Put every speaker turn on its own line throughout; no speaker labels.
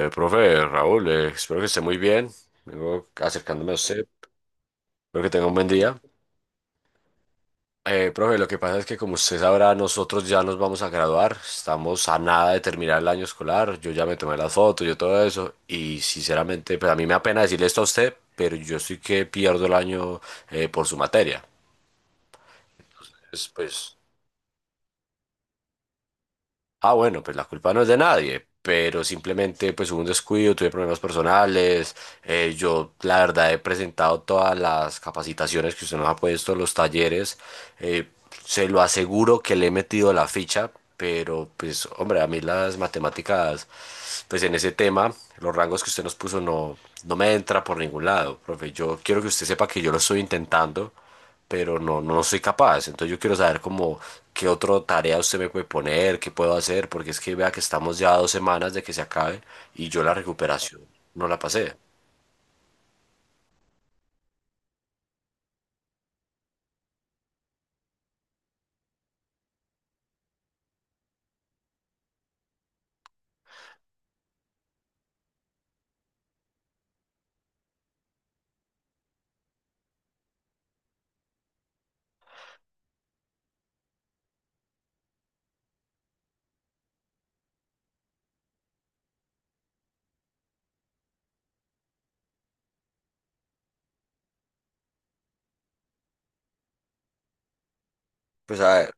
Profe Raúl, espero que esté muy bien. Vengo acercándome a usted. Espero que tenga un buen día. Profe, lo que pasa es que como usted sabrá, nosotros ya nos vamos a graduar. Estamos a nada de terminar el año escolar. Yo ya me tomé las fotos, yo todo eso. Y sinceramente, pues a mí me da pena decirle esto a usted, pero yo sí que pierdo el año por su materia. Entonces, Pues, Ah, bueno, pues la culpa no es de nadie, pero simplemente pues hubo un descuido, tuve problemas personales, yo la verdad he presentado todas las capacitaciones que usted nos ha puesto, los talleres, eh, se lo aseguro que le he metido la ficha, pero pues hombre, a mí las matemáticas, pues en ese tema, los rangos que usted nos puso no, no me entra por ningún lado, profe, yo quiero que usted sepa que yo lo estoy intentando, pero no, no soy capaz. Entonces yo quiero saber como qué otra tarea usted me puede poner, qué puedo hacer, porque es que vea que estamos ya a dos semanas de que se acabe y yo la recuperación no la pasé. Pues a ver,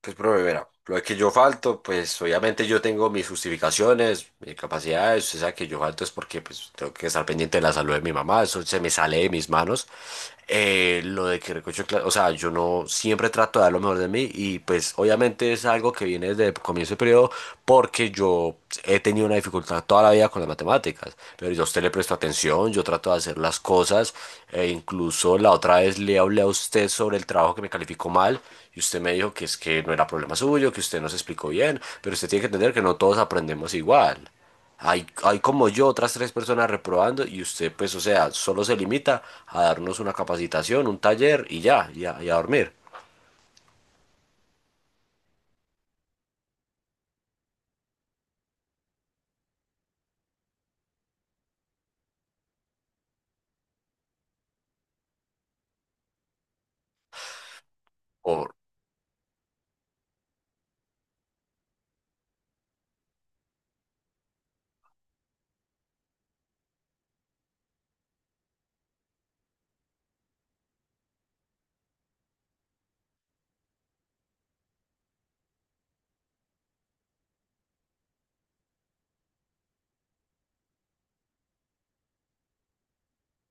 pues profe, verá, lo de que yo falto, pues obviamente yo tengo mis justificaciones, mis capacidades, usted sabe que yo falto es porque pues tengo que estar pendiente de la salud de mi mamá, eso se me sale de mis manos. Lo de que recocho, o sea, yo no siempre trato de dar lo mejor de mí y pues obviamente es algo que viene desde el comienzo del periodo porque yo he tenido una dificultad toda la vida con las matemáticas, pero yo a usted le presto atención, yo trato de hacer las cosas, e incluso la otra vez le hablé a usted sobre el trabajo que me calificó mal y usted me dijo que es que no era problema suyo, que usted no se explicó bien, pero usted tiene que entender que no todos aprendemos igual. Hay como yo otras tres personas reprobando y usted pues o sea, solo se limita a darnos una capacitación, un taller y ya, y a dormir.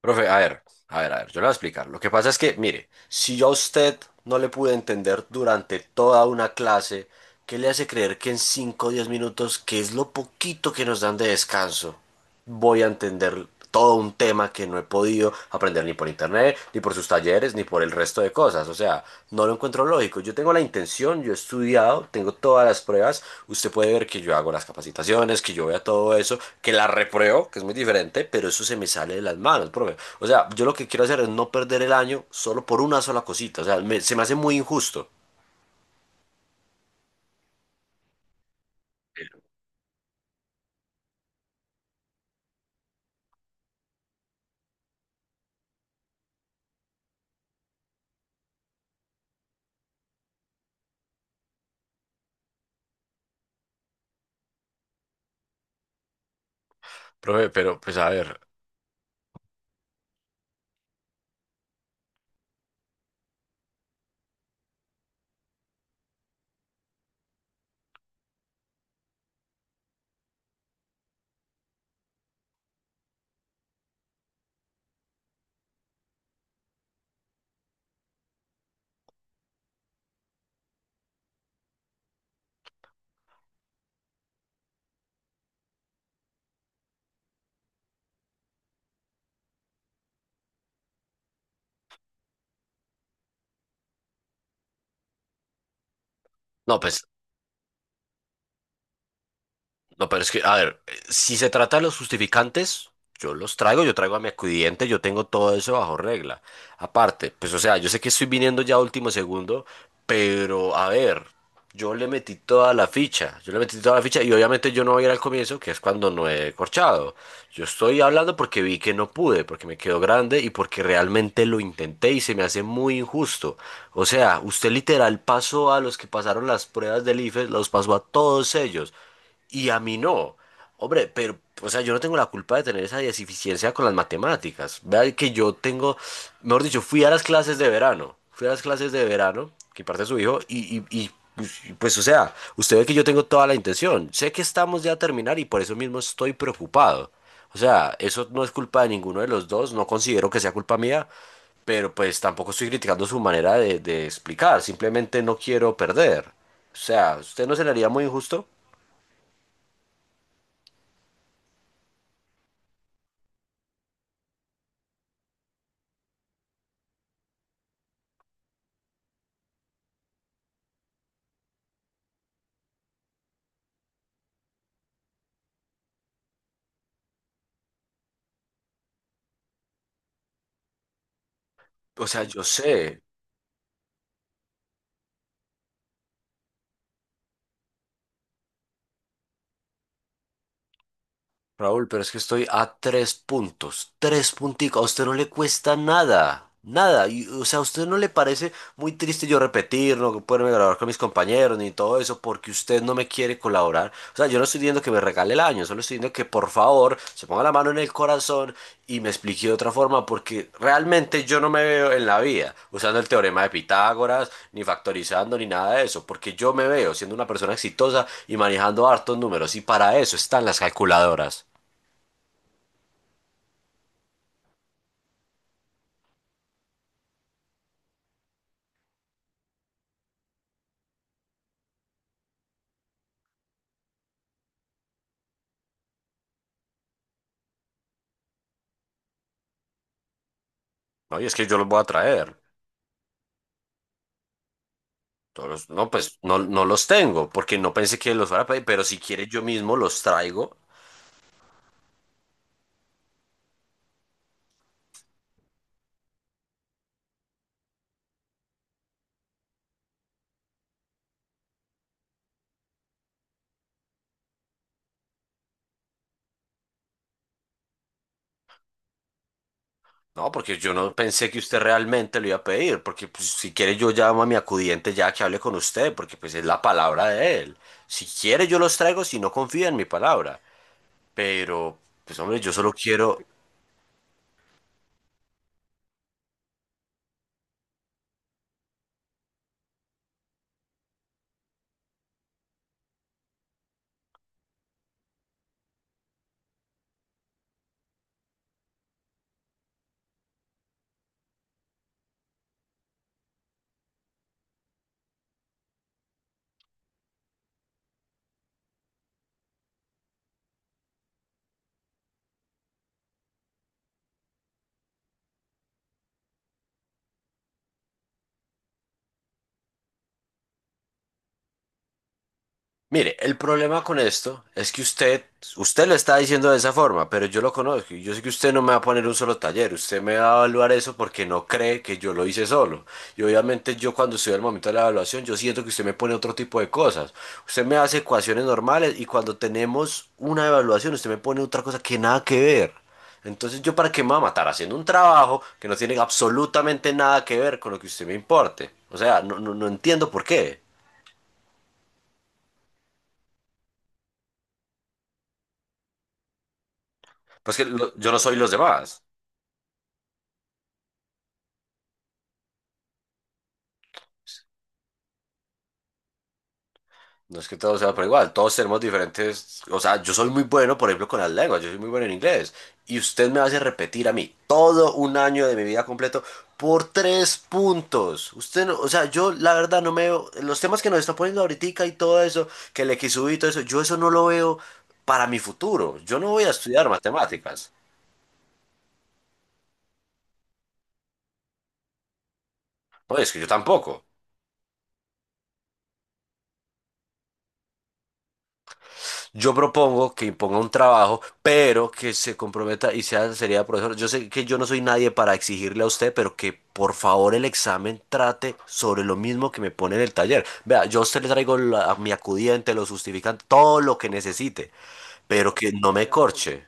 Profe, a ver, a ver, a ver, yo le voy a explicar. Lo que pasa es que, mire, si yo a usted no le pude entender durante toda una clase, ¿qué le hace creer que en 5 o 10 minutos, que es lo poquito que nos dan de descanso, voy a entender todo un tema que no he podido aprender ni por internet, ni por sus talleres, ni por el resto de cosas? O sea, no lo encuentro lógico. Yo tengo la intención, yo he estudiado, tengo todas las pruebas. Usted puede ver que yo hago las capacitaciones, que yo vea todo eso, que la repruebo, que es muy diferente, pero eso se me sale de las manos, profe. O sea, yo lo que quiero hacer es no perder el año solo por una sola cosita. O sea, se me hace muy injusto. Profe, pero pues a ver, no, pues no, pero es que, a ver, si se trata de los justificantes, yo los traigo, yo traigo a mi acudiente, yo tengo todo eso bajo regla. Aparte, pues o sea, yo sé que estoy viniendo ya a último segundo, pero a ver, yo le metí toda la ficha y obviamente yo no voy a ir al comienzo, que es cuando no he corchado. Yo estoy hablando porque vi que no pude, porque me quedó grande y porque realmente lo intenté y se me hace muy injusto. O sea, usted literal pasó a los que pasaron las pruebas del IFES, los pasó a todos ellos y a mí no. Hombre, pero, o sea, yo no tengo la culpa de tener esa deficiencia con las matemáticas. Vea que yo tengo, mejor dicho, fui a las clases de verano, que parte su hijo, o sea, usted ve que yo tengo toda la intención. Sé que estamos ya a terminar y por eso mismo estoy preocupado. O sea, eso no es culpa de ninguno de los dos, no considero que sea culpa mía, pero pues tampoco estoy criticando su manera de explicar, simplemente no quiero perder. O sea, ¿usted no se le haría muy injusto? O sea, yo sé, Raúl, pero es que estoy a tres puntos, tres punticos, a usted no le cuesta nada, nada, y, o sea, ¿a usted no le parece muy triste yo repetir, no poderme grabar con mis compañeros ni todo eso, porque usted no me quiere colaborar? O sea, yo no estoy diciendo que me regale el año, solo estoy diciendo que por favor se ponga la mano en el corazón y me explique de otra forma, porque realmente yo no me veo en la vida usando el teorema de Pitágoras, ni factorizando, ni nada de eso, porque yo me veo siendo una persona exitosa y manejando hartos números, y para eso están las calculadoras. No, y es que yo los voy a traer. No, pues no, no los tengo, porque no pensé que los fuera a pedir, pero si quiere yo mismo los traigo. No, porque yo no pensé que usted realmente lo iba a pedir, porque pues, si quiere yo llamo a mi acudiente ya que hable con usted, porque pues es la palabra de él. Si quiere yo los traigo, si no confía en mi palabra. Pero, pues hombre, yo solo quiero, mire, el problema con esto es que usted lo está diciendo de esa forma, pero yo lo conozco y yo sé que usted no me va a poner un solo taller, usted me va a evaluar eso porque no cree que yo lo hice solo. Y obviamente yo cuando estoy al momento de la evaluación, yo siento que usted me pone otro tipo de cosas. Usted me hace ecuaciones normales y cuando tenemos una evaluación, usted me pone otra cosa que nada que ver. Entonces yo para qué me va a matar haciendo un trabajo que no tiene absolutamente nada que ver con lo que usted me importe. O sea, no, no, no entiendo por qué. Yo no soy los demás. No es que todos sean por igual, todos tenemos diferentes, o sea, yo soy muy bueno, por ejemplo, con las lenguas, yo soy muy bueno en inglés, y usted me hace repetir a mí todo un año de mi vida completo por tres puntos. Usted no, o sea, yo la verdad no me veo, los temas que nos está poniendo ahorita y todo eso, que el XU y todo eso, yo eso no lo veo para mi futuro. Yo no voy a estudiar matemáticas. No, es que yo tampoco. Yo propongo que imponga un trabajo, pero que se comprometa y sea seriedad, profesor. Yo sé que yo no soy nadie para exigirle a usted, pero que por favor el examen trate sobre lo mismo que me pone en el taller. Vea, yo a usted le traigo mi acudiente, lo justificante, todo lo que necesite, pero que no me corche.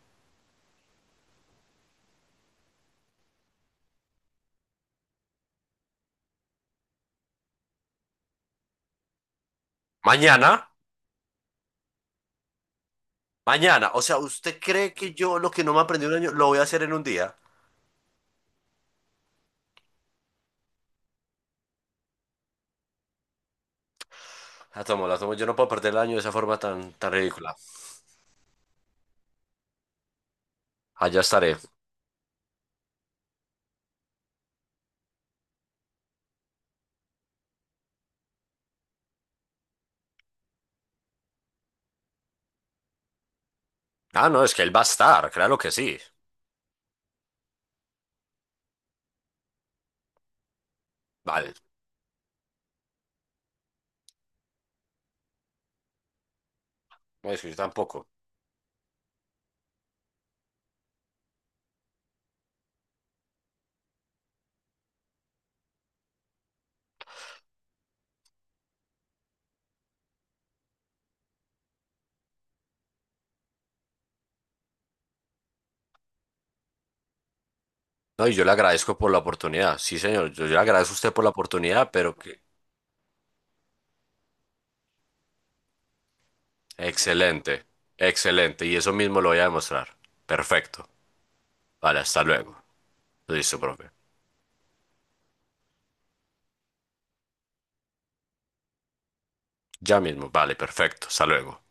Mañana, mañana. O sea, ¿usted cree que yo lo que no me aprendí un año lo voy a hacer en un día? La tomo, la tomo. Yo no puedo perder el año de esa forma tan, tan ridícula. Allá estaré. Ah, no, es que él va a estar, claro que sí. Vale. No, es que yo tampoco. No, y yo le agradezco por la oportunidad. Sí, señor, yo le agradezco a usted por la oportunidad, pero que... Excelente, excelente. Y eso mismo lo voy a demostrar. Perfecto. Vale, hasta luego. Listo, profe. Ya mismo, vale, perfecto. Hasta luego.